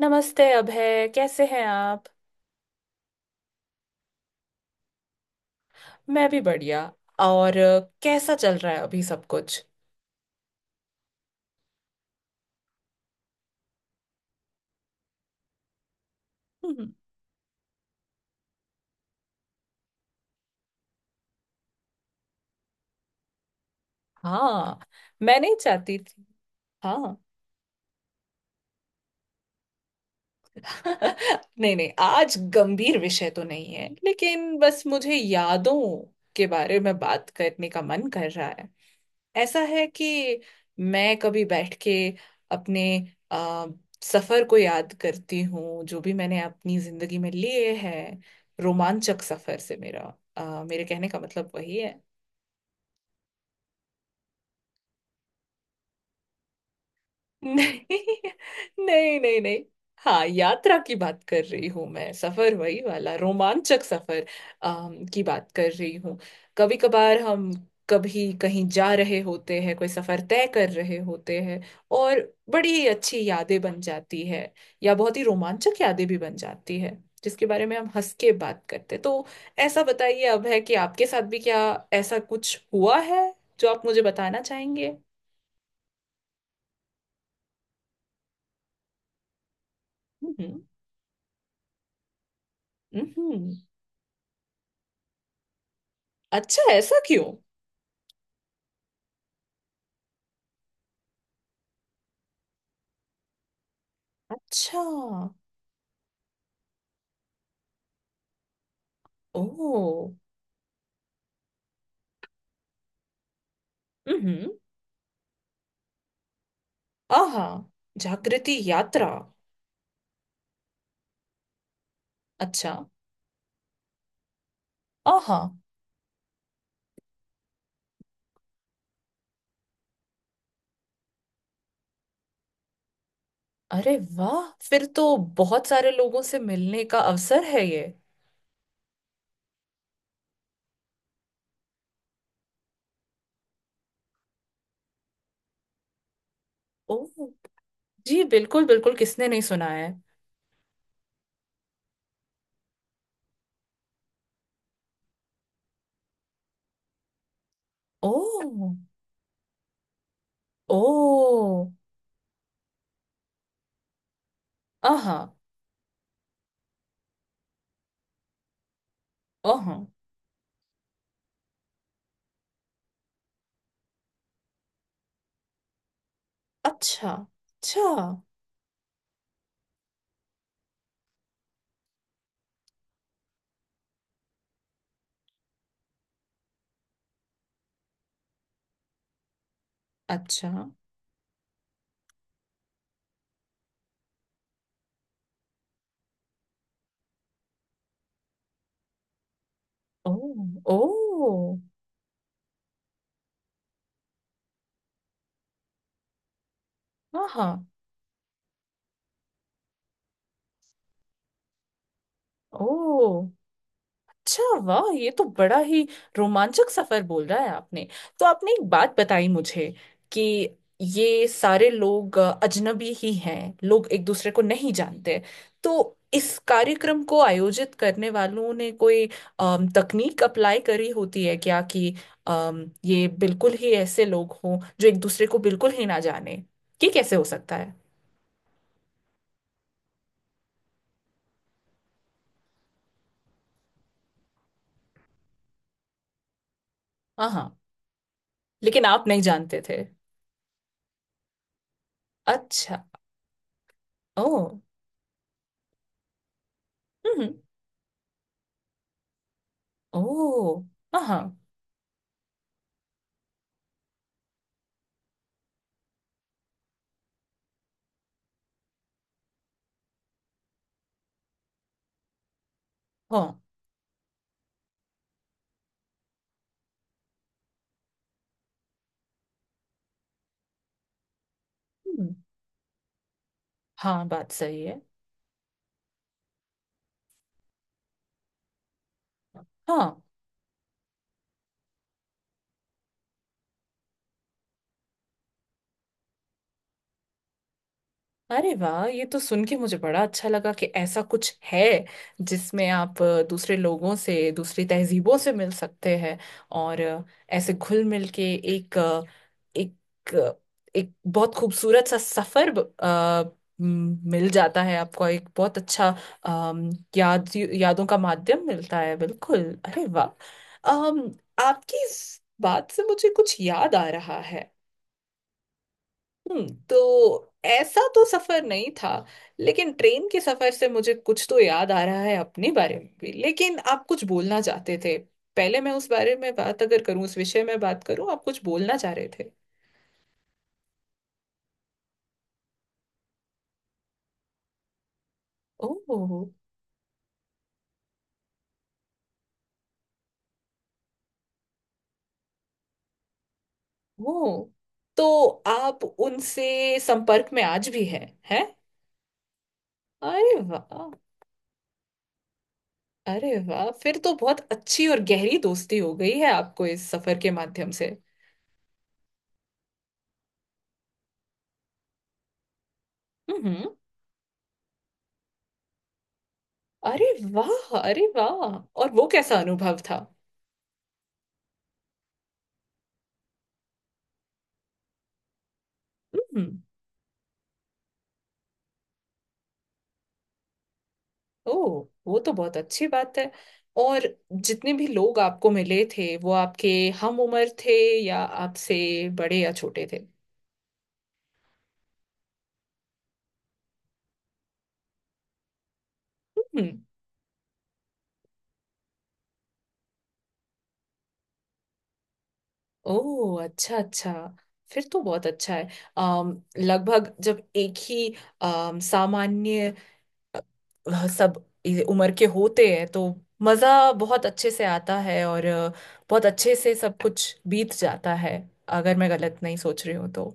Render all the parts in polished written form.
नमस्ते अभय, कैसे हैं आप। मैं भी बढ़िया। और कैसा चल रहा है अभी सब कुछ। हम्म। हाँ। मैं नहीं चाहती थी। हाँ। नहीं नहीं, आज गंभीर विषय तो नहीं है, लेकिन बस मुझे यादों के बारे में बात करने का मन कर रहा है। ऐसा है कि मैं कभी बैठ के अपने आ, सफर को याद करती हूँ, जो भी मैंने अपनी जिंदगी में लिए हैं। रोमांचक सफर से मेरा, मेरे कहने का मतलब वही है। नहीं, नहीं, नहीं, नहीं। हाँ, यात्रा की बात कर रही हूँ मैं, सफर वही वाला रोमांचक सफर की बात कर रही हूँ। कभी कभार हम कभी कहीं जा रहे होते हैं, कोई सफर तय कर रहे होते हैं, और बड़ी अच्छी यादें बन जाती है, या बहुत ही रोमांचक यादें भी बन जाती है, जिसके बारे में हम हंस के बात करते तो। ऐसा बताइए अब है कि आपके साथ भी क्या ऐसा कुछ हुआ है जो आप मुझे बताना चाहेंगे। हम्म, हम्म, अच्छा, ऐसा क्यों। अच्छा। ओह। हम्म। आहा। जागृति यात्रा। अच्छा। आहा। अरे वाह, फिर तो बहुत सारे लोगों से मिलने का अवसर है ये। ओह। जी बिल्कुल, बिल्कुल किसने नहीं सुना है। ओह, ओह। आहा। आहा। अच्छा, अच्छा। अच्छा। ओह, ओह। आहा। ओह। अच्छा वाह, ये तो बड़ा ही रोमांचक सफर बोल रहा है आपने। तो आपने एक बात बताई मुझे, कि ये सारे लोग अजनबी ही हैं, लोग एक दूसरे को नहीं जानते। तो इस कार्यक्रम को आयोजित करने वालों ने कोई तकनीक अप्लाई करी होती है क्या कि ये बिल्कुल ही ऐसे लोग हों जो एक दूसरे को बिल्कुल ही ना जाने, कि कैसे हो सकता है। हाँ हाँ, लेकिन आप नहीं जानते थे। अच्छा। ओ। हम्म। ओ। हाँ, हाँ, हाँ। हम्म, हाँ बात सही है। हाँ। अरे वाह, ये तो सुन के मुझे बड़ा अच्छा लगा कि ऐसा कुछ है जिसमें आप दूसरे लोगों से, दूसरी तहजीबों से मिल सकते हैं। और ऐसे घुल मिल के एक अ, एक अ, एक बहुत खूबसूरत सा सफर, मिल जाता है आपको, एक बहुत अच्छा, अम, यादों का माध्यम मिलता है, बिल्कुल। अरे वाह। अम, आपकी इस बात से मुझे कुछ याद आ रहा है। तो ऐसा तो सफर नहीं था, लेकिन ट्रेन के सफर से मुझे कुछ तो याद आ रहा है अपने बारे में भी, लेकिन आप कुछ बोलना चाहते थे। पहले मैं उस बारे में बात अगर करूं, उस विषय में बात करूं, आप कुछ बोलना चाह रहे थे। ओह, ओह। तो आप उनसे संपर्क में आज भी हैं। अरे वाह। अरे वाह, फिर तो बहुत अच्छी और गहरी दोस्ती हो गई है आपको इस सफर के माध्यम से। हम्म। अरे वाह। अरे वाह, और वो कैसा अनुभव था। हम्म। ओह, वो तो बहुत अच्छी बात है। और जितने भी लोग आपको मिले थे, वो आपके हम उम्र थे, या आपसे बड़े या छोटे थे। हम्म। ओह, अच्छा अच्छा। फिर तो बहुत अच्छा है। अम लगभग जब एक ही अम सामान्य, वह सब उम्र के होते हैं तो मज़ा बहुत अच्छे से आता है, और बहुत अच्छे से सब कुछ बीत जाता है, अगर मैं गलत नहीं सोच रही हूँ तो।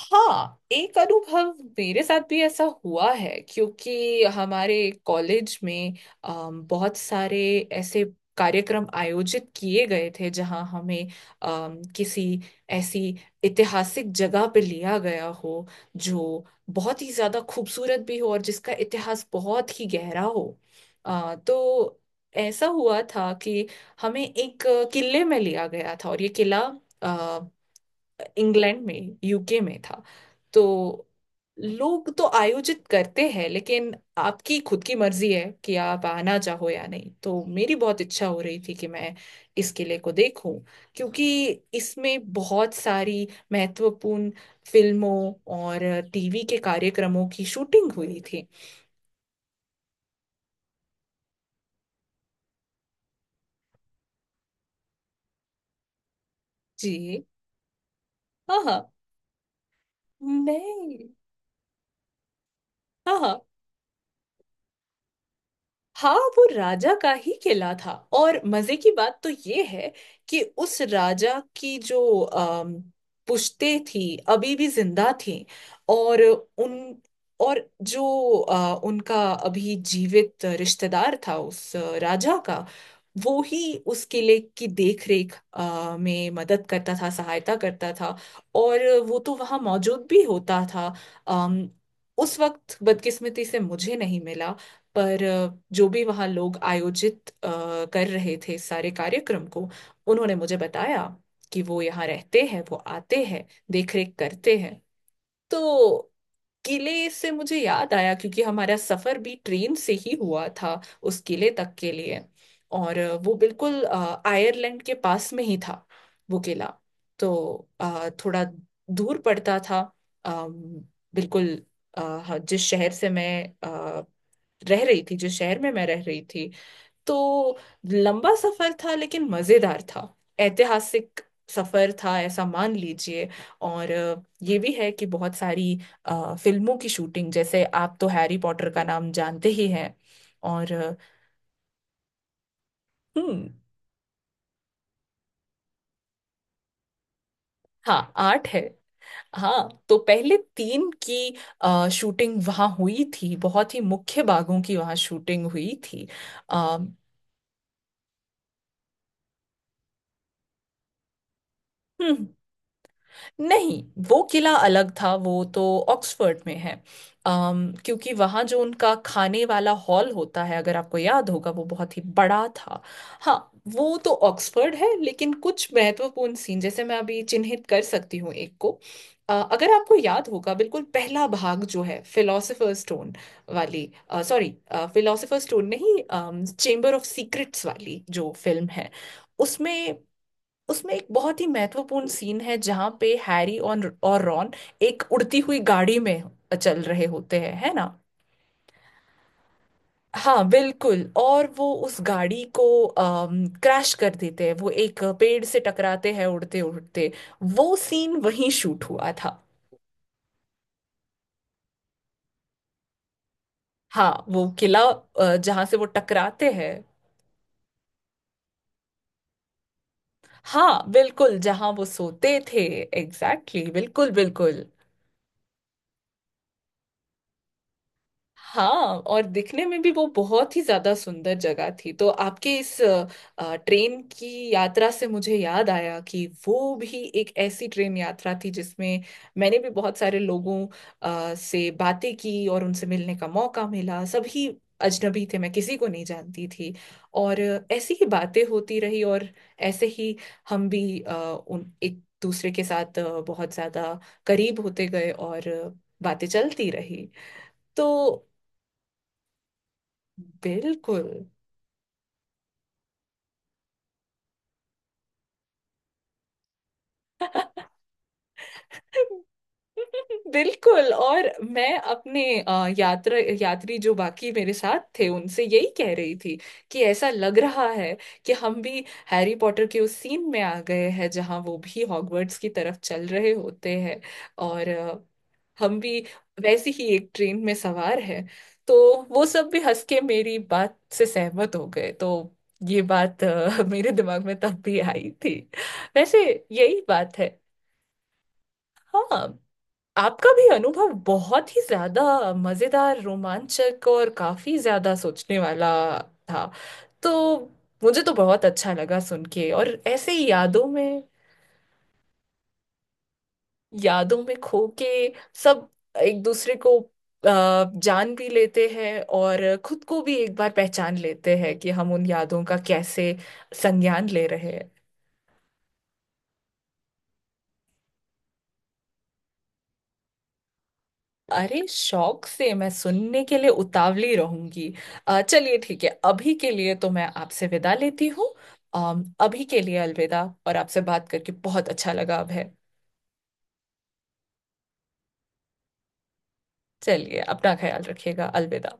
हाँ, एक अनुभव मेरे साथ भी ऐसा हुआ है, क्योंकि हमारे कॉलेज में बहुत सारे ऐसे कार्यक्रम आयोजित किए गए थे जहाँ हमें किसी ऐसी ऐतिहासिक जगह पे लिया गया हो, जो बहुत ही ज्यादा खूबसूरत भी हो और जिसका इतिहास बहुत ही गहरा हो। तो ऐसा हुआ था कि हमें एक किले में लिया गया था, और ये किला इंग्लैंड में, यूके में था। तो लोग तो आयोजित करते हैं, लेकिन आपकी खुद की मर्जी है कि आप आना चाहो या नहीं। तो मेरी बहुत इच्छा हो रही थी कि मैं इस किले को देखूं, क्योंकि इसमें बहुत सारी महत्वपूर्ण फिल्मों और टीवी के कार्यक्रमों की शूटिंग हुई थी। जी। हाँ हाँ। मैं। हाँ हाँ। हाँ, वो राजा का ही किला था। और मजे की बात तो ये है कि उस राजा की जो पुश्तें थी, अभी भी जिंदा थी। और उन, और जो उनका अभी जीवित रिश्तेदार था उस राजा का, वो ही उस किले की देख रेख में मदद करता था, सहायता करता था। और वो तो वहाँ मौजूद भी होता था। अम, उस वक्त बदकिस्मती से मुझे नहीं मिला। पर जो भी वहाँ लोग आयोजित कर रहे थे इस सारे कार्यक्रम को, उन्होंने मुझे बताया कि वो यहाँ रहते हैं, वो आते हैं, देखरेख करते हैं। तो किले से मुझे याद आया, क्योंकि हमारा सफर भी ट्रेन से ही हुआ था, उस किले तक के लिए। और वो बिल्कुल आयरलैंड के पास में ही था वो किला। तो थोड़ा दूर पड़ता था। अम, बिल्कुल। हाँ, जिस शहर से मैं अ, रह रही थी जिस शहर में मैं रह रही थी। तो लंबा सफर था, लेकिन मजेदार था। ऐतिहासिक सफर था, ऐसा मान लीजिए। और ये भी है कि बहुत सारी फिल्मों की शूटिंग, जैसे आप तो हैरी पॉटर का नाम जानते ही हैं। और हम्म। हाँ, आठ है। हाँ, तो पहले तीन की शूटिंग वहाँ हुई थी, बहुत ही मुख्य बागों की वहाँ शूटिंग हुई थी। आ, नहीं, वो किला अलग था, वो तो ऑक्सफोर्ड में है। क्योंकि वहाँ जो उनका खाने वाला हॉल होता है, अगर आपको याद होगा, वो बहुत ही बड़ा था। हाँ, वो तो ऑक्सफोर्ड है, लेकिन कुछ महत्वपूर्ण सीन, जैसे मैं अभी चिन्हित कर सकती हूँ एक को। अगर आपको याद होगा, बिल्कुल पहला भाग जो है, फिलोसोफर स्टोन वाली, सॉरी, फिलोसोफर स्टोन नहीं, चेम्बर ऑफ सीक्रेट्स वाली जो फिल्म है, उसमें उसमें एक बहुत ही महत्वपूर्ण सीन है जहां पे हैरी और रॉन एक उड़ती हुई गाड़ी में चल रहे होते हैं, है ना। हाँ बिल्कुल, और वो उस गाड़ी को क्रैश कर देते हैं, वो एक पेड़ से टकराते हैं उड़ते उड़ते। वो सीन वहीं शूट हुआ था। हाँ, वो किला जहाँ से वो टकराते हैं। हाँ बिल्कुल, जहाँ वो सोते थे। एग्जैक्टली, exactly, बिल्कुल बिल्कुल। हाँ। और दिखने में भी वो बहुत ही ज्यादा सुंदर जगह थी। तो आपके इस ट्रेन की यात्रा से मुझे याद आया कि वो भी एक ऐसी ट्रेन यात्रा थी जिसमें मैंने भी बहुत सारे लोगों से बातें की, और उनसे मिलने का मौका मिला। सभी अजनबी थे, मैं किसी को नहीं जानती थी। और ऐसी ही बातें होती रही, और ऐसे ही हम भी उन एक दूसरे के साथ बहुत ज्यादा करीब होते गए, और बातें चलती रही, तो। बिल्कुल। बिल्कुल, और मैं अपने यात्रा यात्री, जो बाकी मेरे साथ थे, उनसे यही कह रही थी कि ऐसा लग रहा है कि हम भी हैरी पॉटर के उस सीन में आ गए हैं, जहां वो भी हॉगवर्ट्स की तरफ चल रहे होते हैं, और हम भी वैसी ही एक ट्रेन में सवार हैं। तो वो सब भी हंस के मेरी बात से सहमत हो गए, तो। ये बात मेरे दिमाग में तब भी आई थी, वैसे। यही बात है। हाँ। आपका भी अनुभव बहुत ही ज्यादा मजेदार, रोमांचक, और काफी ज्यादा सोचने वाला था, तो मुझे तो बहुत अच्छा लगा सुन के, और ऐसे ही यादों में खो के सब एक दूसरे को जान भी लेते हैं, और खुद को भी एक बार पहचान लेते हैं, कि हम उन यादों का कैसे संज्ञान ले रहे हैं। अरे शौक से, मैं सुनने के लिए उतावली रहूंगी। चलिए, ठीक है, अभी के लिए तो मैं आपसे विदा लेती हूँ। अभी के लिए अलविदा, और आपसे बात करके बहुत अच्छा लगा अब है। चलिए अपना ख्याल रखिएगा, अलविदा।